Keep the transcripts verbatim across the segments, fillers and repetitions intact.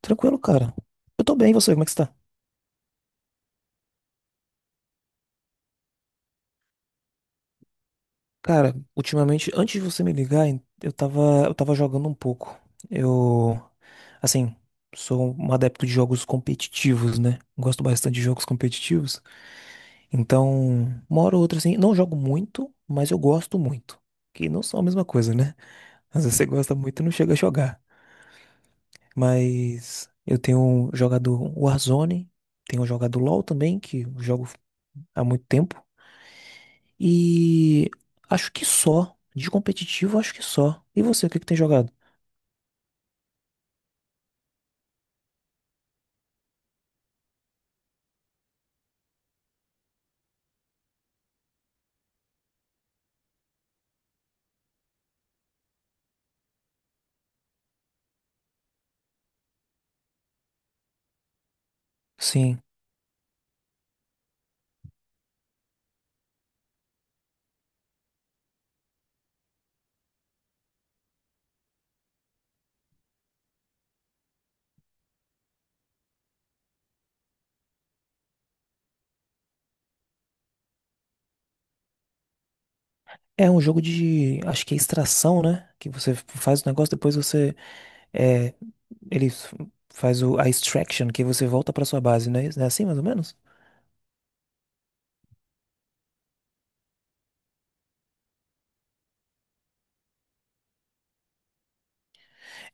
Tranquilo, cara. Eu tô bem, e você, como é que você tá? Cara, ultimamente, antes de você me ligar, eu tava, eu tava jogando um pouco. Eu, assim, sou um adepto de jogos competitivos, né? Gosto bastante de jogos competitivos. Então, uma hora ou outra, assim, não jogo muito, mas eu gosto muito. Que não são a mesma coisa, né? Às vezes você gosta muito e não chega a jogar. Mas eu tenho jogado Warzone, tenho jogado LoL também, que eu jogo há muito tempo. E acho que só. De competitivo, acho que só. E você, o que que tem jogado? Sim. É um jogo de. Acho que é extração, né? Que você faz o negócio, depois você. É, ele f- faz o, a extraction, que você volta pra sua base, né é, é assim, mais ou menos?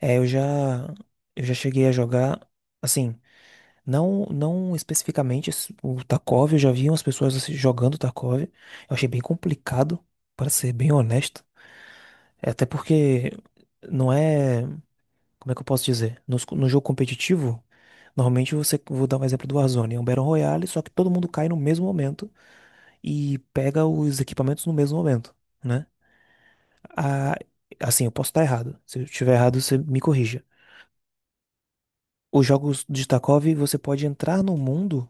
É, eu já. Eu já cheguei a jogar. Assim, não, não especificamente esse- o Tarkov, eu já vi umas pessoas assim, jogando Tarkov. Eu achei bem complicado, para ser bem honesto. É, até porque não é. Como é que eu posso dizer? Nos- No, jogo competitivo, normalmente você, vou dar um exemplo do Warzone, é um Battle Royale, só que todo mundo cai no mesmo momento e pega os equipamentos no mesmo momento, né? Ah, assim, eu posso estar errado. Se eu estiver errado, você me corrija. Os jogos de Tarkov, você pode entrar no mundo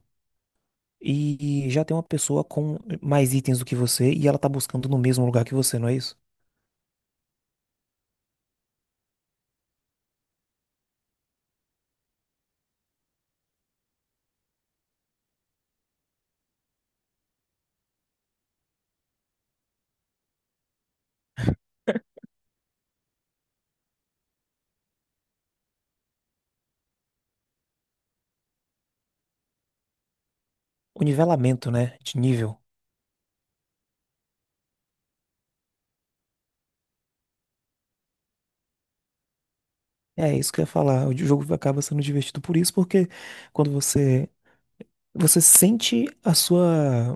e já tem uma pessoa com mais itens do que você e ela tá buscando no mesmo lugar que você, não é isso? O nivelamento, né? De nível. É isso que eu ia falar. O jogo acaba sendo divertido por isso, porque quando você você sente a sua,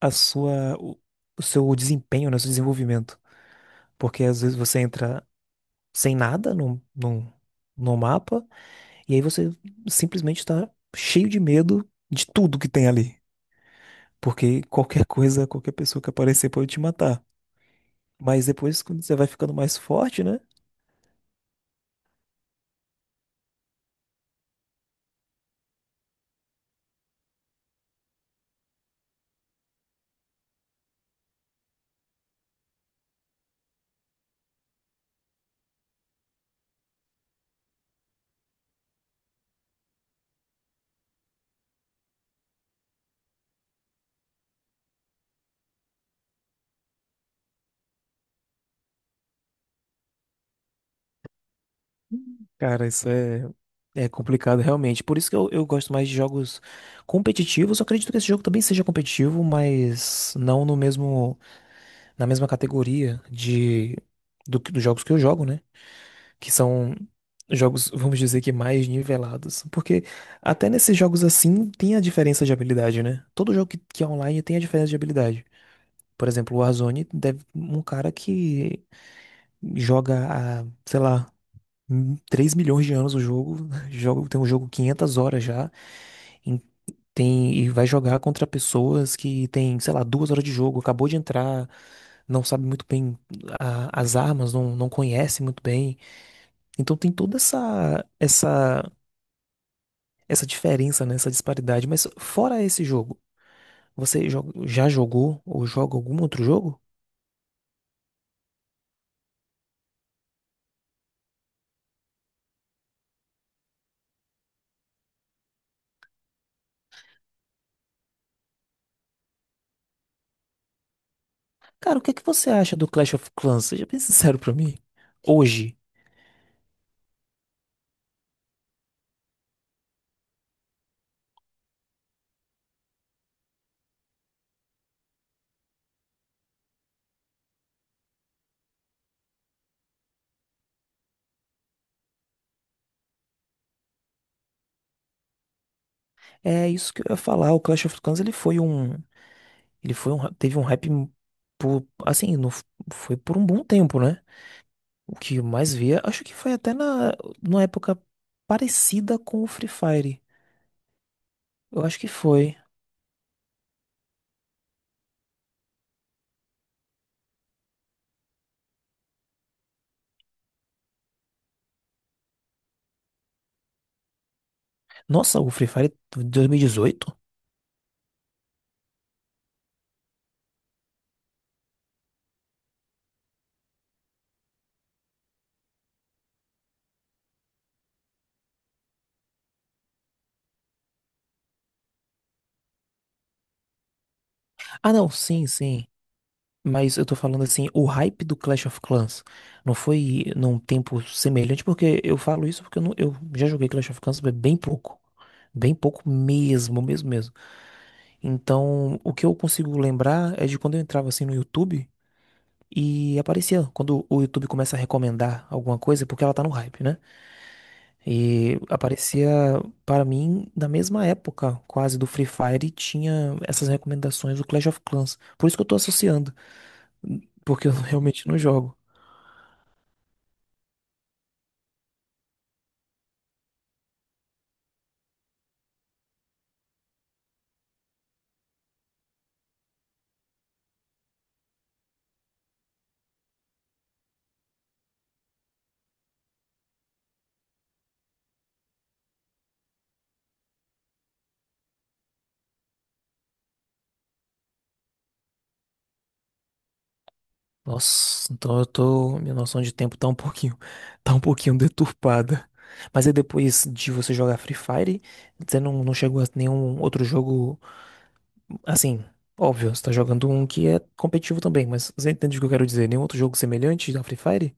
a sua, o, o seu desempenho, né, o seu desenvolvimento. Porque às vezes você entra sem nada no, no, no mapa e aí você simplesmente está cheio de medo de tudo que tem ali. Porque qualquer coisa, qualquer pessoa que aparecer pode te matar. Mas depois, quando você vai ficando mais forte, né? Cara, isso é, é complicado realmente. Por isso que eu, eu gosto mais de jogos competitivos. Eu acredito que esse jogo também seja competitivo, mas não no mesmo. Na mesma categoria de do, que- dos jogos que eu jogo, né? Que são jogos, vamos dizer que mais nivelados. Porque até nesses jogos assim tem a diferença de habilidade, né? Todo jogo que, que é online tem a diferença de habilidade. Por exemplo, o Warzone deve um cara que joga há, sei lá, hum, três milhões de anos o jogo, joga, tem um jogo quinhentas horas já, em- Tem, e vai jogar contra pessoas que tem, sei lá, duas horas de jogo, acabou de entrar, não sabe muito bem a- as armas, não, não conhece muito bem. Então tem toda essa, essa, essa diferença, né, essa disparidade. Mas fora esse jogo, você jo- já jogou ou joga algum outro jogo? Cara, o que é que você acha do Clash of Clans? Seja bem sincero pra mim. Hoje, é isso que eu ia falar. O Clash of Clans, ele foi um, ele foi um, teve um hype por, assim, não f- foi por um bom tempo, né? O que eu mais via, acho que foi até na, numa época parecida com o Free Fire. Eu acho que foi. Nossa, o Free Fire de dois mil e dezoito? Ah, não, sim, sim. Mas eu tô falando assim, o hype do Clash of Clans não foi num tempo semelhante, porque eu falo isso porque eu, não- eu já joguei Clash of Clans bem pouco. Bem pouco mesmo, mesmo, mesmo. Então, o que eu consigo lembrar é de quando eu entrava assim no YouTube e aparecia, quando o YouTube começa a recomendar alguma coisa, é porque ela tá no hype, né? E aparecia para mim na mesma época, quase do Free Fire, e tinha essas recomendações do Clash of Clans. Por isso que eu tô associando, porque eu realmente não jogo. Nossa, então eu tô, minha noção de tempo tá um pouquinho, tá um pouquinho deturpada. Mas aí depois de você jogar Free Fire, você não, não chegou a nenhum outro jogo, assim, óbvio, você tá jogando um que é competitivo também, mas você entende o que eu quero dizer? Nenhum outro jogo semelhante ao Free Fire?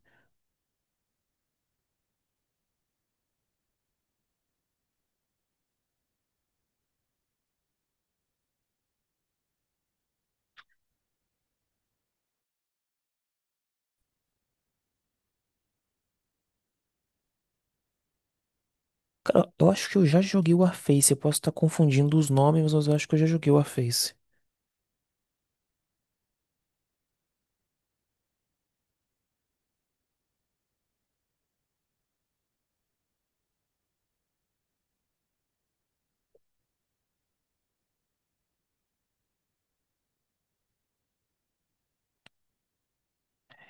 Cara, eu acho que eu já joguei o Warface. Eu posso estar confundindo os nomes, mas eu acho que eu já joguei o Warface.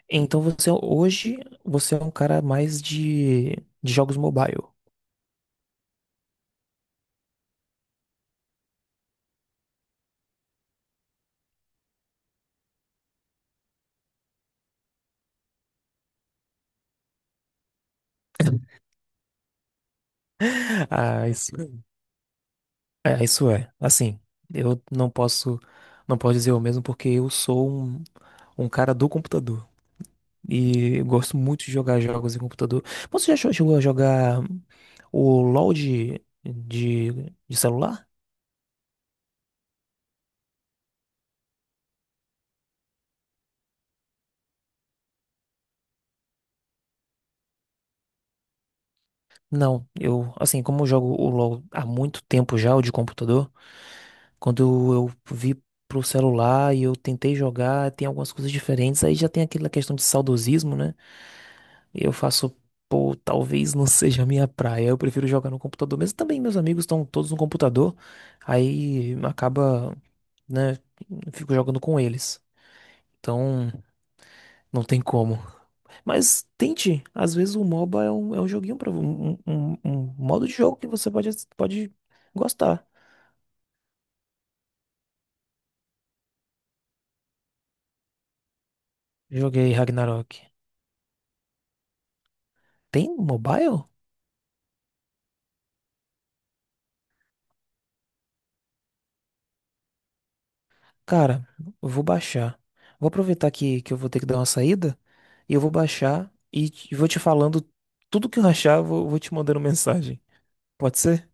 Então você hoje você é um cara mais de, de jogos mobile. Ah, isso é, isso é. Assim, eu não posso não posso dizer o mesmo porque eu sou um, um cara do computador e eu gosto muito de jogar jogos em computador. Você já cho- chegou a jogar o LoL de, de, de celular? Não, eu, assim, como eu jogo o LoL há muito tempo já, o de computador, quando eu vi pro celular e eu tentei jogar, tem algumas coisas diferentes, aí já tem aquela questão de saudosismo, né? E eu faço, pô, talvez não seja a minha praia, eu prefiro jogar no computador, mas também meus amigos estão todos no computador, aí acaba, né, fico jogando com eles. Então, não tem como. Mas tente, às vezes o MOBA é um, é um joguinho para um, um, um modo de jogo que você pode, pode gostar. Joguei Ragnarok. Tem mobile? Cara, eu vou baixar. Vou aproveitar que, que eu vou ter que dar uma saída e eu vou baixar e te- vou te falando tudo que eu achar, vou, vou te mandando mensagem. Pode ser?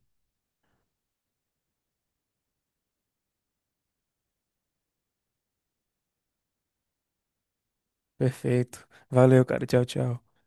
Perfeito. Valeu, cara. Tchau, tchau.